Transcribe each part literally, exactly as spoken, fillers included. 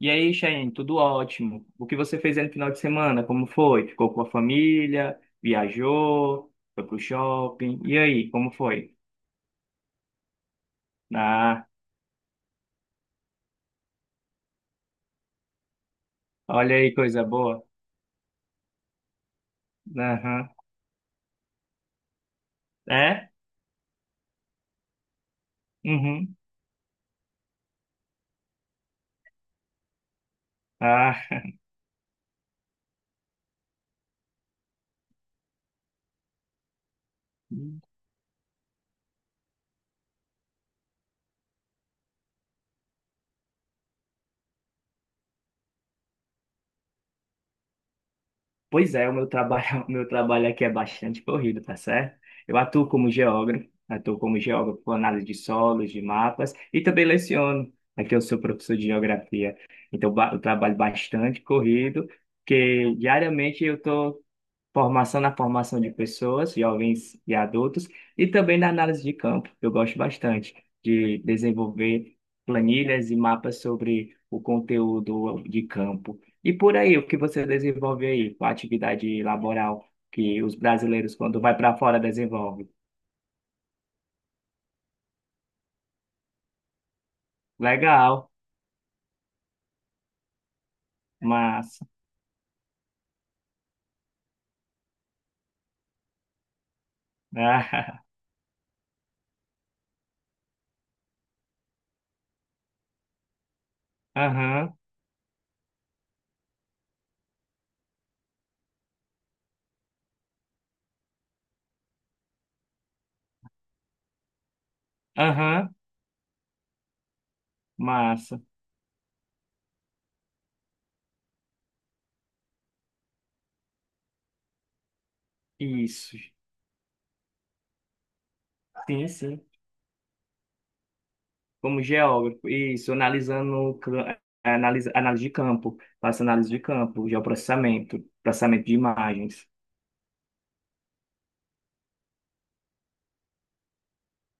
E aí, Cheyenne, tudo ótimo. O que você fez aí no final de semana? Como foi? Ficou com a família? Viajou? Foi pro shopping? E aí, como foi? Ah, olha aí, coisa boa. Aham. É? Uhum. Ah. Pois é, o meu trabalho, o meu trabalho aqui é bastante corrido, tá certo? Eu atuo como geógrafo, atuo como geógrafo com análise de solos, de mapas e também leciono. Aqui eu sou professor de geografia, então ba- eu trabalho bastante corrido, porque diariamente eu estou Formação na formação de pessoas, jovens e adultos, e também na análise de campo. Eu gosto bastante de desenvolver planilhas e mapas sobre o conteúdo de campo. E por aí, o que você desenvolve aí com a atividade laboral que os brasileiros, quando vai para fora, desenvolvem? Legal, massa. Aham, aham, massa. Isso. Sim, sim. Como geógrafo, isso, analisando, cl- analisa, análise de campo, faço análise de campo, geoprocessamento, processamento de imagens.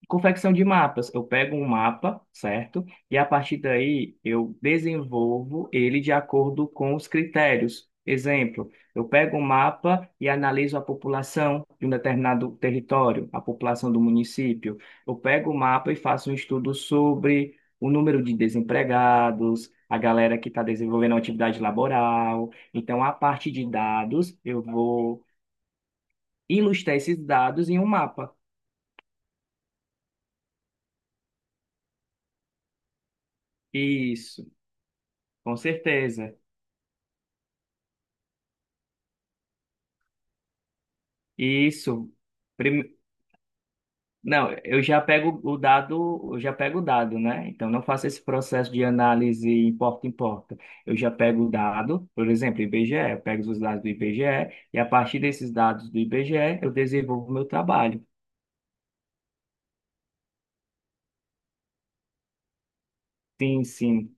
Confecção de mapas. Eu pego um mapa, certo? E a partir daí eu desenvolvo ele de acordo com os critérios. Exemplo, eu pego um mapa e analiso a população de um determinado território, a população do município. Eu pego o mapa e faço um estudo sobre o número de desempregados, a galera que está desenvolvendo atividade laboral. Então, a partir de dados, eu vou ilustrar esses dados em um mapa. Isso, com certeza. Isso. Prime- Não, eu já pego o dado, eu já pego o dado, né? Então não faço esse processo de análise em porta em porta. Eu já pego o dado, por exemplo, I B G E, eu pego os dados do IBGE e a partir desses dados do I B G E eu desenvolvo o meu trabalho. Sim, sim,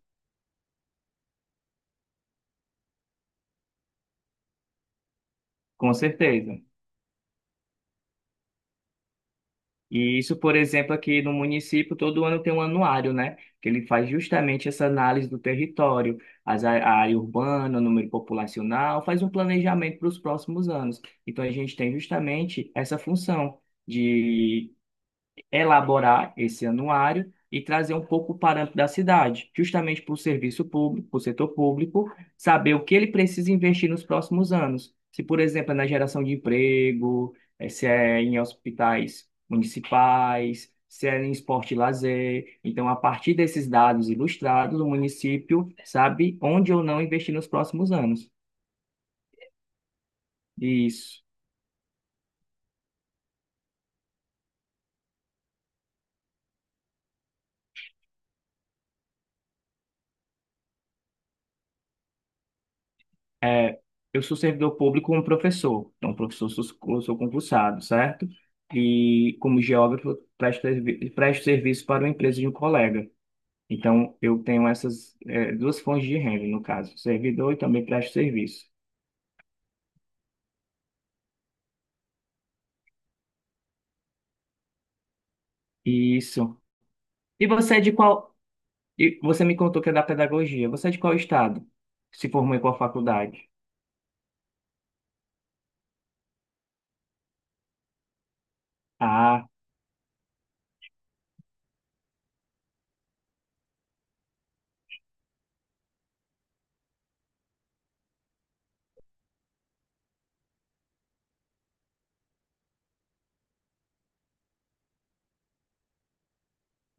com certeza. E isso, por exemplo, aqui no município, todo ano tem um anuário, né? Que ele faz justamente essa análise do território, as á- a área urbana, o número populacional, faz um planejamento para os próximos anos. Então, a gente tem justamente essa função de elaborar esse anuário e trazer um pouco o parâmetro da cidade, justamente para o serviço público, para o setor público, saber o que ele precisa investir nos próximos anos. Se, por exemplo, é na geração de emprego, eh, se é em hospitais municipais, se é em esporte e lazer. Então, a partir desses dados ilustrados, o município sabe onde ou não investir nos próximos anos. Isso. É, eu sou servidor público como professor, então professor sou, eu sou concursado, certo? E como geógrafo presto, servi- presto serviço para uma empresa de um colega. Então eu tenho essas é, duas fontes de renda, no caso, servidor e também presto serviço. Isso. E você é de qual? E você me contou que é da pedagogia. Você é de qual estado? Se formou em qual faculdade? Ah,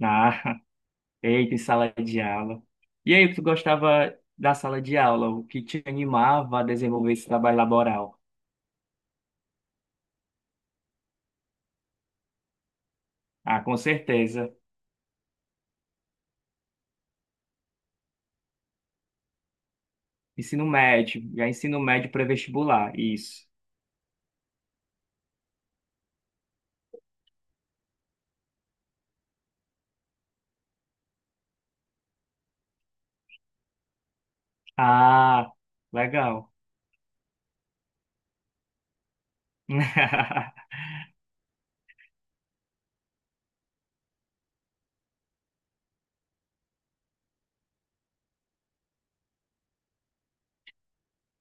ah. Eita, em sala de aula. E aí, tu gostava da sala de aula? O que te animava a desenvolver esse trabalho laboral? Ah, com certeza. Ensino médio, já ensino médio pré-vestibular, isso. Ah, legal.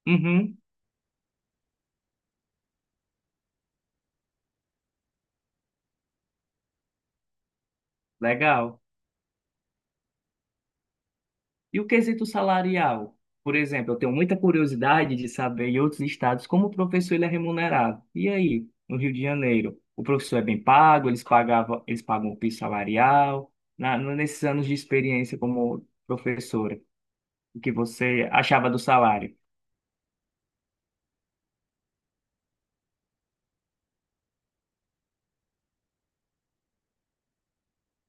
Uhum, legal. E o quesito salarial? Por exemplo, eu tenho muita curiosidade de saber em outros estados como o professor ele é remunerado. E aí, no Rio de Janeiro, o professor é bem pago, eles pagavam, eles pagam o piso salarial, na, nesses anos de experiência como professora, o que você achava do salário?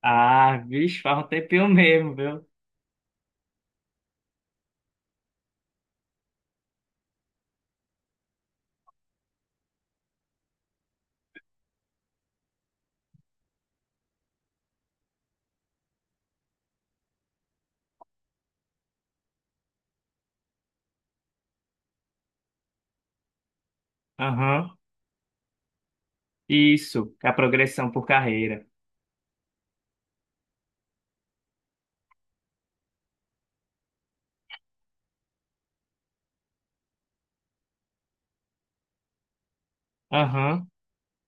Ah, vixe, faz um tempinho mesmo, viu? Aham. Isso, é a progressão por carreira. Aham.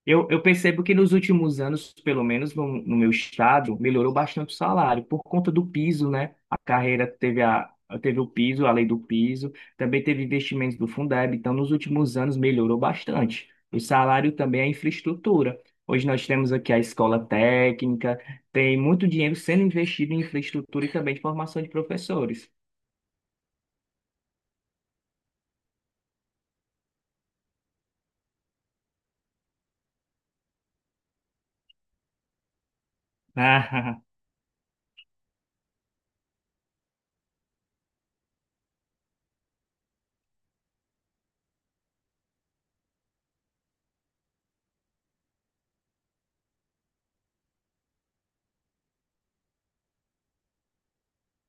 Eu, eu percebo que nos últimos anos, pelo menos no, no meu estado, melhorou bastante o salário, por conta do piso, né? A carreira teve, a, teve o piso, a lei do piso, também teve investimentos do Fundeb, então nos últimos anos melhorou bastante. O salário também é a infraestrutura. Hoje nós temos aqui a escola técnica, tem muito dinheiro sendo investido em infraestrutura e também de formação de professores.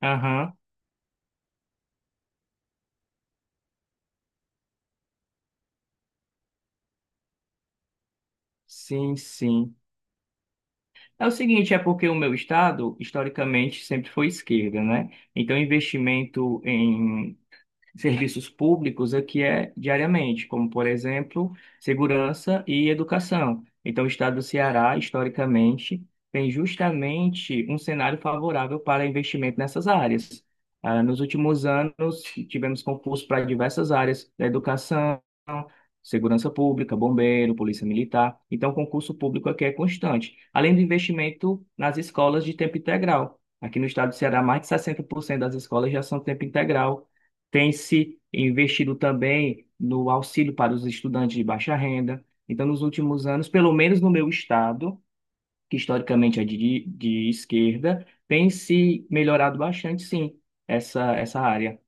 Ah, aham, sim, sim. É o seguinte, é porque o meu estado, historicamente, sempre foi esquerda, né? Então, investimento em serviços públicos aqui é diariamente, como, por exemplo, segurança e educação. Então, o estado do Ceará, historicamente, tem justamente um cenário favorável para investimento nessas áreas. Ah, nos últimos anos, tivemos concursos para diversas áreas da educação, segurança pública, bombeiro, polícia militar. Então, o concurso público aqui é constante. Além do investimento nas escolas de tempo integral. Aqui no estado do Ceará, mais de sessenta por cento das escolas já são tempo integral, tem se investido também no auxílio para os estudantes de baixa renda. Então, nos últimos anos, pelo menos no meu estado, que historicamente é de, de esquerda, tem se melhorado bastante, sim, essa, essa área.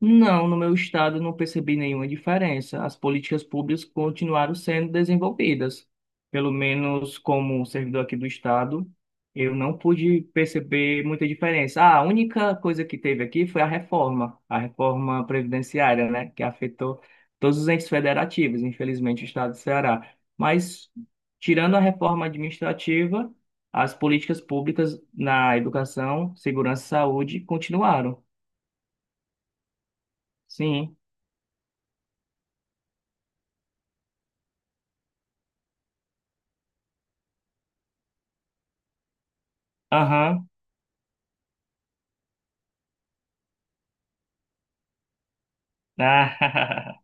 Não, no meu estado não percebi nenhuma diferença. As políticas públicas continuaram sendo desenvolvidas. Pelo menos como um servidor aqui do estado, eu não pude perceber muita diferença. Ah, a única coisa que teve aqui foi a reforma, a reforma previdenciária, né, que afetou todos os entes federativos, infelizmente, o estado do Ceará. Mas, tirando a reforma administrativa, as políticas públicas na educação, segurança e saúde continuaram. Sim. Aham. Ah,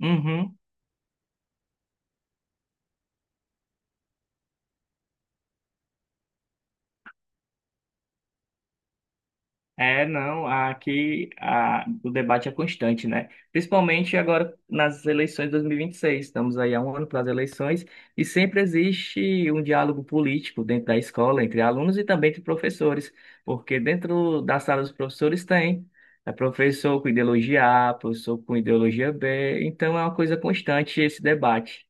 uhum. É, não, aqui a, o debate é constante, né? Principalmente agora nas eleições de dois mil e vinte e seis. Estamos aí há um ano para as eleições e sempre existe um diálogo político dentro da escola, entre alunos e também entre professores, porque dentro da sala dos professores tem é professor com ideologia A, professor com ideologia B, então é uma coisa constante esse debate.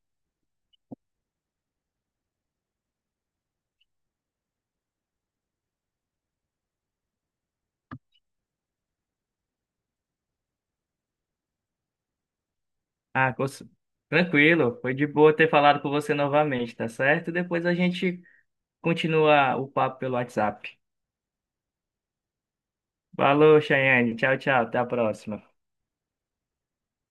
Ah, cons- tranquilo, foi de boa ter falado com você novamente, tá certo? Depois a gente continua o papo pelo WhatsApp. Falou, Chayane. Tchau, tchau. Até a próxima.